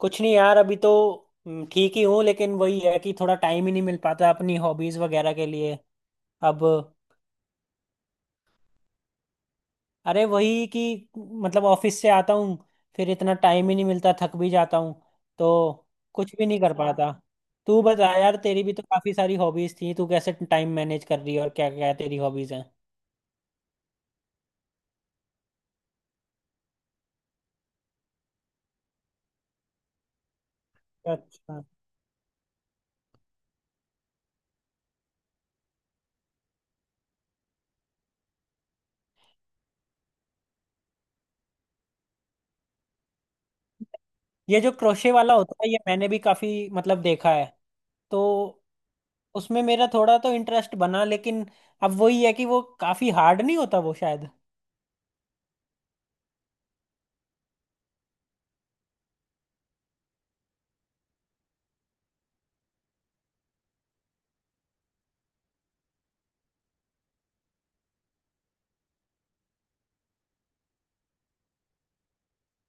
कुछ नहीं यार, अभी तो ठीक ही हूँ लेकिन वही है कि थोड़ा टाइम ही नहीं मिल पाता अपनी हॉबीज वगैरह के लिए। अब। अरे वही कि मतलब ऑफिस से आता हूँ, फिर इतना टाइम ही नहीं मिलता, थक भी जाता हूँ, तो कुछ भी नहीं कर पाता। तू बता यार, तेरी भी तो काफी सारी हॉबीज थी, तू कैसे टाइम मैनेज कर रही है और क्या क्या तेरी हॉबीज हैं? अच्छा। ये जो क्रोशे वाला होता है ये मैंने भी काफी मतलब देखा है, तो उसमें मेरा थोड़ा तो इंटरेस्ट बना, लेकिन अब वही है कि वो काफी हार्ड नहीं होता वो शायद।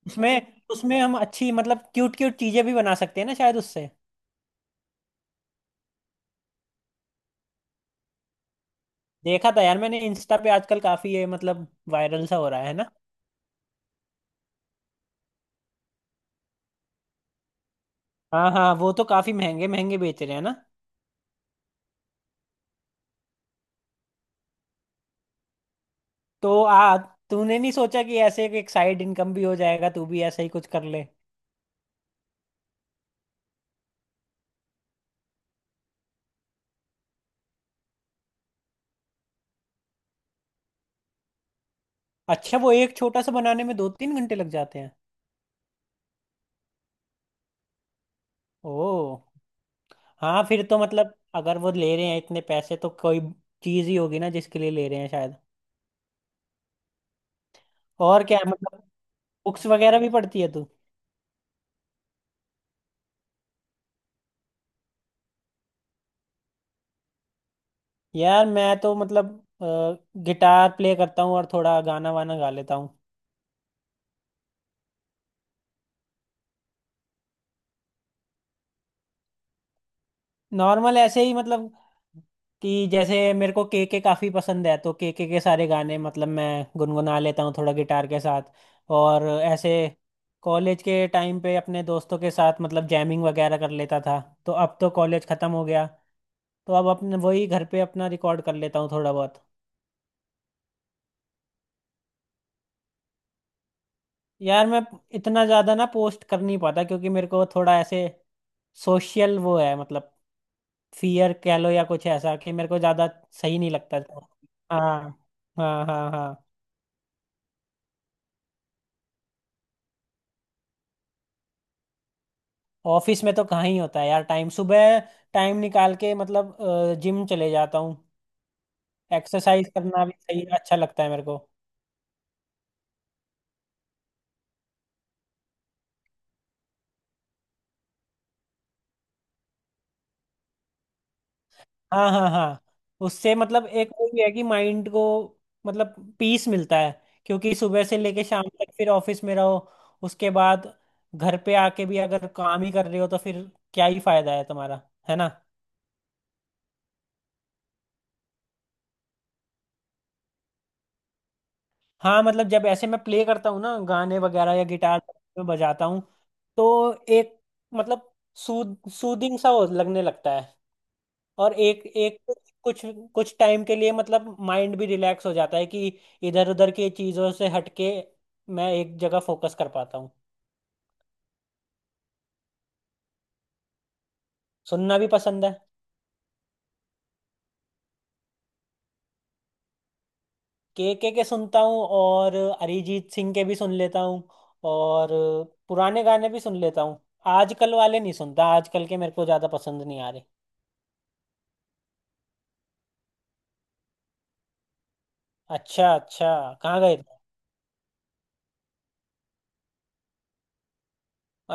उसमें उसमें हम अच्छी मतलब क्यूट क्यूट चीजें भी बना सकते हैं ना शायद उससे। देखा था यार, मैंने इंस्टा पे आजकल काफी ये मतलब वायरल सा हो रहा है ना। हाँ हाँ, वो तो काफी महंगे महंगे बेच रहे हैं ना। तो आ तूने नहीं सोचा कि ऐसे एक साइड इनकम भी हो जाएगा, तू भी ऐसा ही कुछ कर ले? अच्छा, वो एक छोटा सा बनाने में 2 3 घंटे लग जाते हैं? ओ, हाँ फिर तो मतलब अगर वो ले रहे हैं इतने पैसे तो कोई चीज ही होगी ना जिसके लिए ले रहे हैं, शायद। और क्या मतलब, बुक्स वगैरह भी पढ़ती है तू? यार मैं तो मतलब गिटार प्ले करता हूँ और थोड़ा गाना वाना गा लेता हूँ। नॉर्मल ऐसे ही मतलब, कि जैसे मेरे को के काफ़ी पसंद है तो के सारे गाने मतलब मैं गुनगुना लेता हूँ थोड़ा गिटार के साथ। और ऐसे कॉलेज के टाइम पे अपने दोस्तों के साथ मतलब जैमिंग वगैरह कर लेता था, तो अब तो कॉलेज ख़त्म हो गया, तो अब अपने वही घर पे अपना रिकॉर्ड कर लेता हूँ थोड़ा बहुत। यार मैं इतना ज्यादा ना पोस्ट कर नहीं पाता, क्योंकि मेरे को थोड़ा ऐसे सोशल वो है मतलब, फियर कह लो या कुछ ऐसा, कि मेरे को ज्यादा सही नहीं लगता। हाँ, हाँ हाँ हाँ। ऑफिस में तो कहाँ ही होता है यार टाइम, सुबह टाइम निकाल के मतलब जिम चले जाता हूँ, एक्सरसाइज करना भी सही अच्छा लगता है मेरे को। हाँ हाँ हाँ। उससे मतलब एक वो भी है कि माइंड को मतलब पीस मिलता है, क्योंकि सुबह से लेके शाम तक फिर ऑफिस में रहो, उसके बाद घर पे आके भी अगर काम ही कर रहे हो तो फिर क्या ही फायदा है तुम्हारा, है ना? हाँ मतलब जब ऐसे मैं प्ले करता हूँ ना गाने वगैरह या गिटार में बजाता हूँ, तो एक मतलब सूद सूदिंग सा हो- लगने लगता है, और एक एक कुछ कुछ टाइम के लिए मतलब माइंड भी रिलैक्स हो जाता है कि इधर उधर की चीजों से हटके मैं एक जगह फोकस कर पाता हूँ। सुनना भी पसंद है। के सुनता हूँ, और अरिजीत सिंह के भी सुन लेता हूँ, और पुराने गाने भी सुन लेता हूँ, आजकल वाले नहीं सुनता, आजकल के मेरे को ज्यादा पसंद नहीं आ रहे। अच्छा अच्छा, कहाँ गए थे?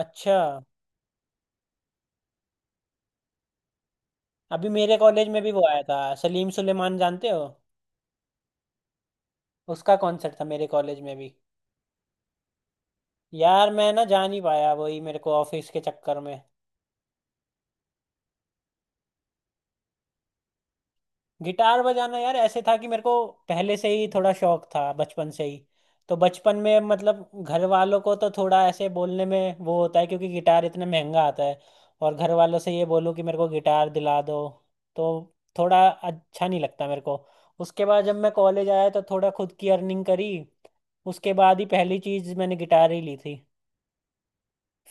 अच्छा, अभी मेरे कॉलेज में भी वो आया था, सलीम सुलेमान जानते हो, उसका कॉन्सर्ट था मेरे कॉलेज में भी। यार मैं ना जा नहीं पाया, वही मेरे को ऑफिस के चक्कर में। गिटार बजाना यार ऐसे था कि मेरे को पहले से ही थोड़ा शौक था बचपन से ही, तो बचपन में मतलब घर वालों को तो थोड़ा ऐसे बोलने में वो होता है, क्योंकि गिटार इतना महंगा आता है, और घर वालों से ये बोलूँ कि मेरे को गिटार दिला दो, तो थोड़ा अच्छा नहीं लगता मेरे को। उसके बाद जब मैं कॉलेज आया तो थोड़ा खुद की अर्निंग करी, उसके बाद ही पहली चीज़ मैंने गिटार ही ली थी।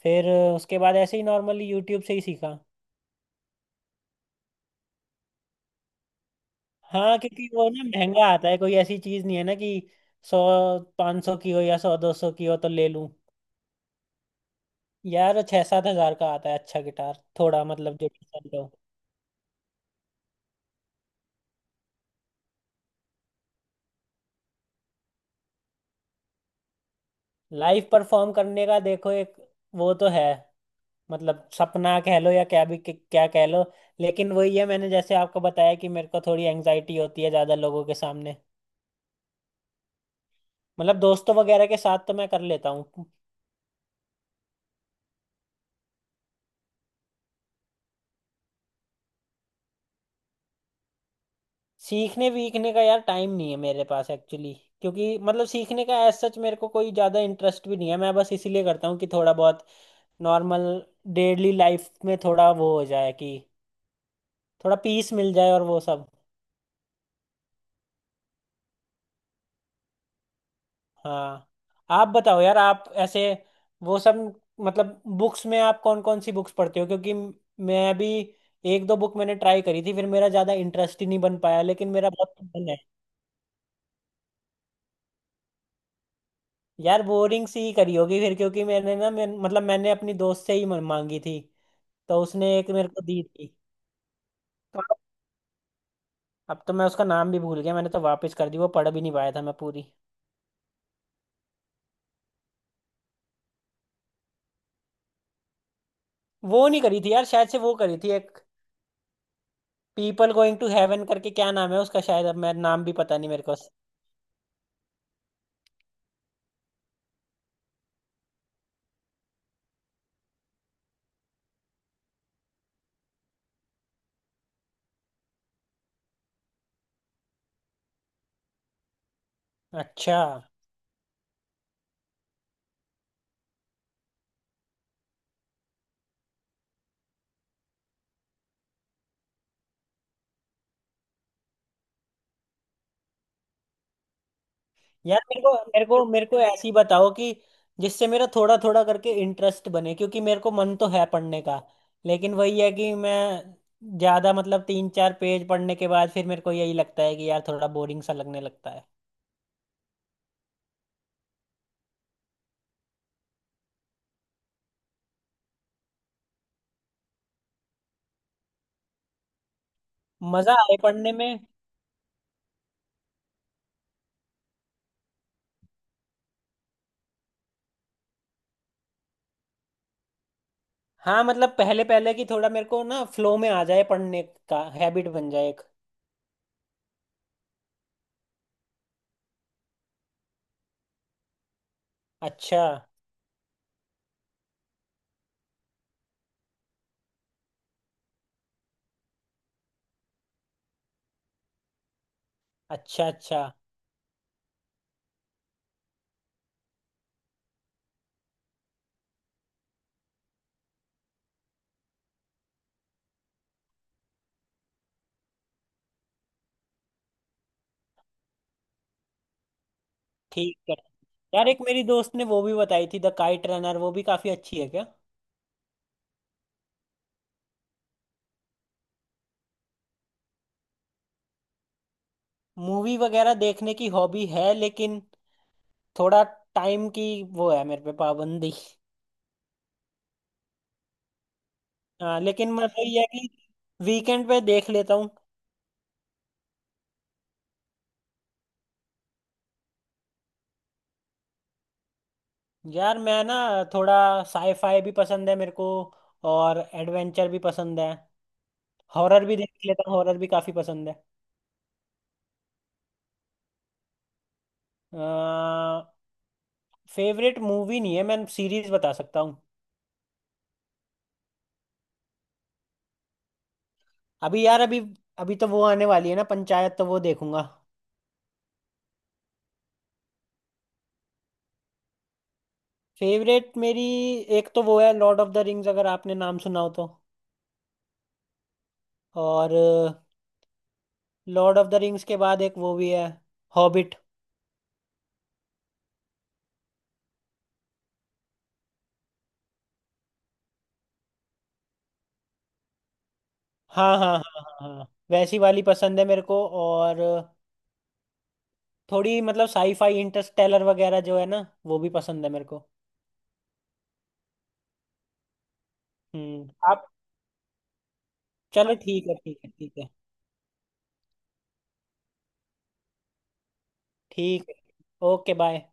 फिर उसके बाद ऐसे ही नॉर्मली यूट्यूब से ही सीखा। हाँ, क्योंकि वो ना महंगा आता है, कोई ऐसी चीज नहीं है ना कि 100 500 की हो या 100 200 की हो तो ले लूं। यार 6 7 हजार का आता है अच्छा गिटार, थोड़ा मतलब जो decent हो। लाइव परफॉर्म करने का देखो एक वो तो है, मतलब सपना कह लो या क्या कह लो, लेकिन वही है, मैंने जैसे आपको बताया कि मेरे को थोड़ी एंग्जाइटी होती है ज्यादा लोगों के सामने, मतलब दोस्तों वगैरह के साथ तो मैं कर लेता हूँ। सीखने वीखने का यार टाइम नहीं है मेरे पास एक्चुअली, क्योंकि मतलब सीखने का एज सच मेरे को कोई ज़्यादा इंटरेस्ट भी नहीं है, मैं बस इसीलिए करता हूँ कि थोड़ा बहुत नॉर्मल डेली लाइफ में थोड़ा वो हो जाए कि थोड़ा पीस मिल जाए और वो सब। हाँ। आप बताओ यार, आप ऐसे वो सब मतलब बुक्स में आप कौन कौन सी बुक्स पढ़ते हो, क्योंकि मैं भी एक दो बुक मैंने ट्राई करी थी, फिर मेरा ज़्यादा इंटरेस्ट ही नहीं बन पाया, लेकिन मेरा बहुत मन है। यार बोरिंग सी ही करी होगी फिर, क्योंकि मैंने ना मतलब मैंने अपनी दोस्त से ही मांगी थी, तो उसने एक मेरे को दी थी। तो अब तो मैं उसका नाम भी भूल गया, मैंने तो वापस कर दी, वो पढ़ भी नहीं पाया था मैं पूरी। वो नहीं करी थी यार, शायद से वो करी थी एक पीपल गोइंग टू हेवन करके, क्या नाम है उसका, शायद अब मैं नाम भी पता नहीं मेरे को। अच्छा। यार मेरे को ऐसी बताओ कि जिससे मेरा थोड़ा थोड़ा करके इंटरेस्ट बने, क्योंकि मेरे को मन तो है पढ़ने का, लेकिन वही है कि मैं ज्यादा मतलब 3 4 पेज पढ़ने के बाद फिर मेरे को यही लगता है कि यार थोड़ा बोरिंग सा लगने लगता है। मजा आए पढ़ने में। हाँ मतलब पहले पहले की थोड़ा मेरे को ना फ्लो में आ जाए, पढ़ने का हैबिट बन जाए एक। अच्छा अच्छा अच्छा। ठीक है। यार एक मेरी दोस्त ने वो भी बताई थी द काइट रनर, वो भी काफी अच्छी है क्या? मूवी वगैरह देखने की हॉबी है, लेकिन थोड़ा टाइम की वो है मेरे पे पाबंदी। हाँ, लेकिन मैं वही है कि वीकेंड पे देख लेता हूँ। यार मैं ना थोड़ा साईफाई भी पसंद है मेरे को, और एडवेंचर भी पसंद है, हॉरर भी देख लेता हूँ, हॉरर भी काफ़ी पसंद है। फेवरेट मूवी नहीं है, मैं सीरीज बता सकता हूँ। अभी यार अभी अभी तो वो आने वाली है ना पंचायत, तो वो देखूंगा। फेवरेट मेरी एक तो वो है लॉर्ड ऑफ द रिंग्स, अगर आपने नाम सुना हो तो, और लॉर्ड ऑफ द रिंग्स के बाद एक वो भी है, हॉबिट। हाँ हाँ हाँ हाँ हाँ हाँ। वैसी वाली पसंद है मेरे को, और थोड़ी मतलब साईफाई इंटरस्टेलर वगैरह जो है ना, वो भी पसंद है मेरे को। आप। चलो ठीक है ठीक है ठीक है। ठीक है। Okay, bye.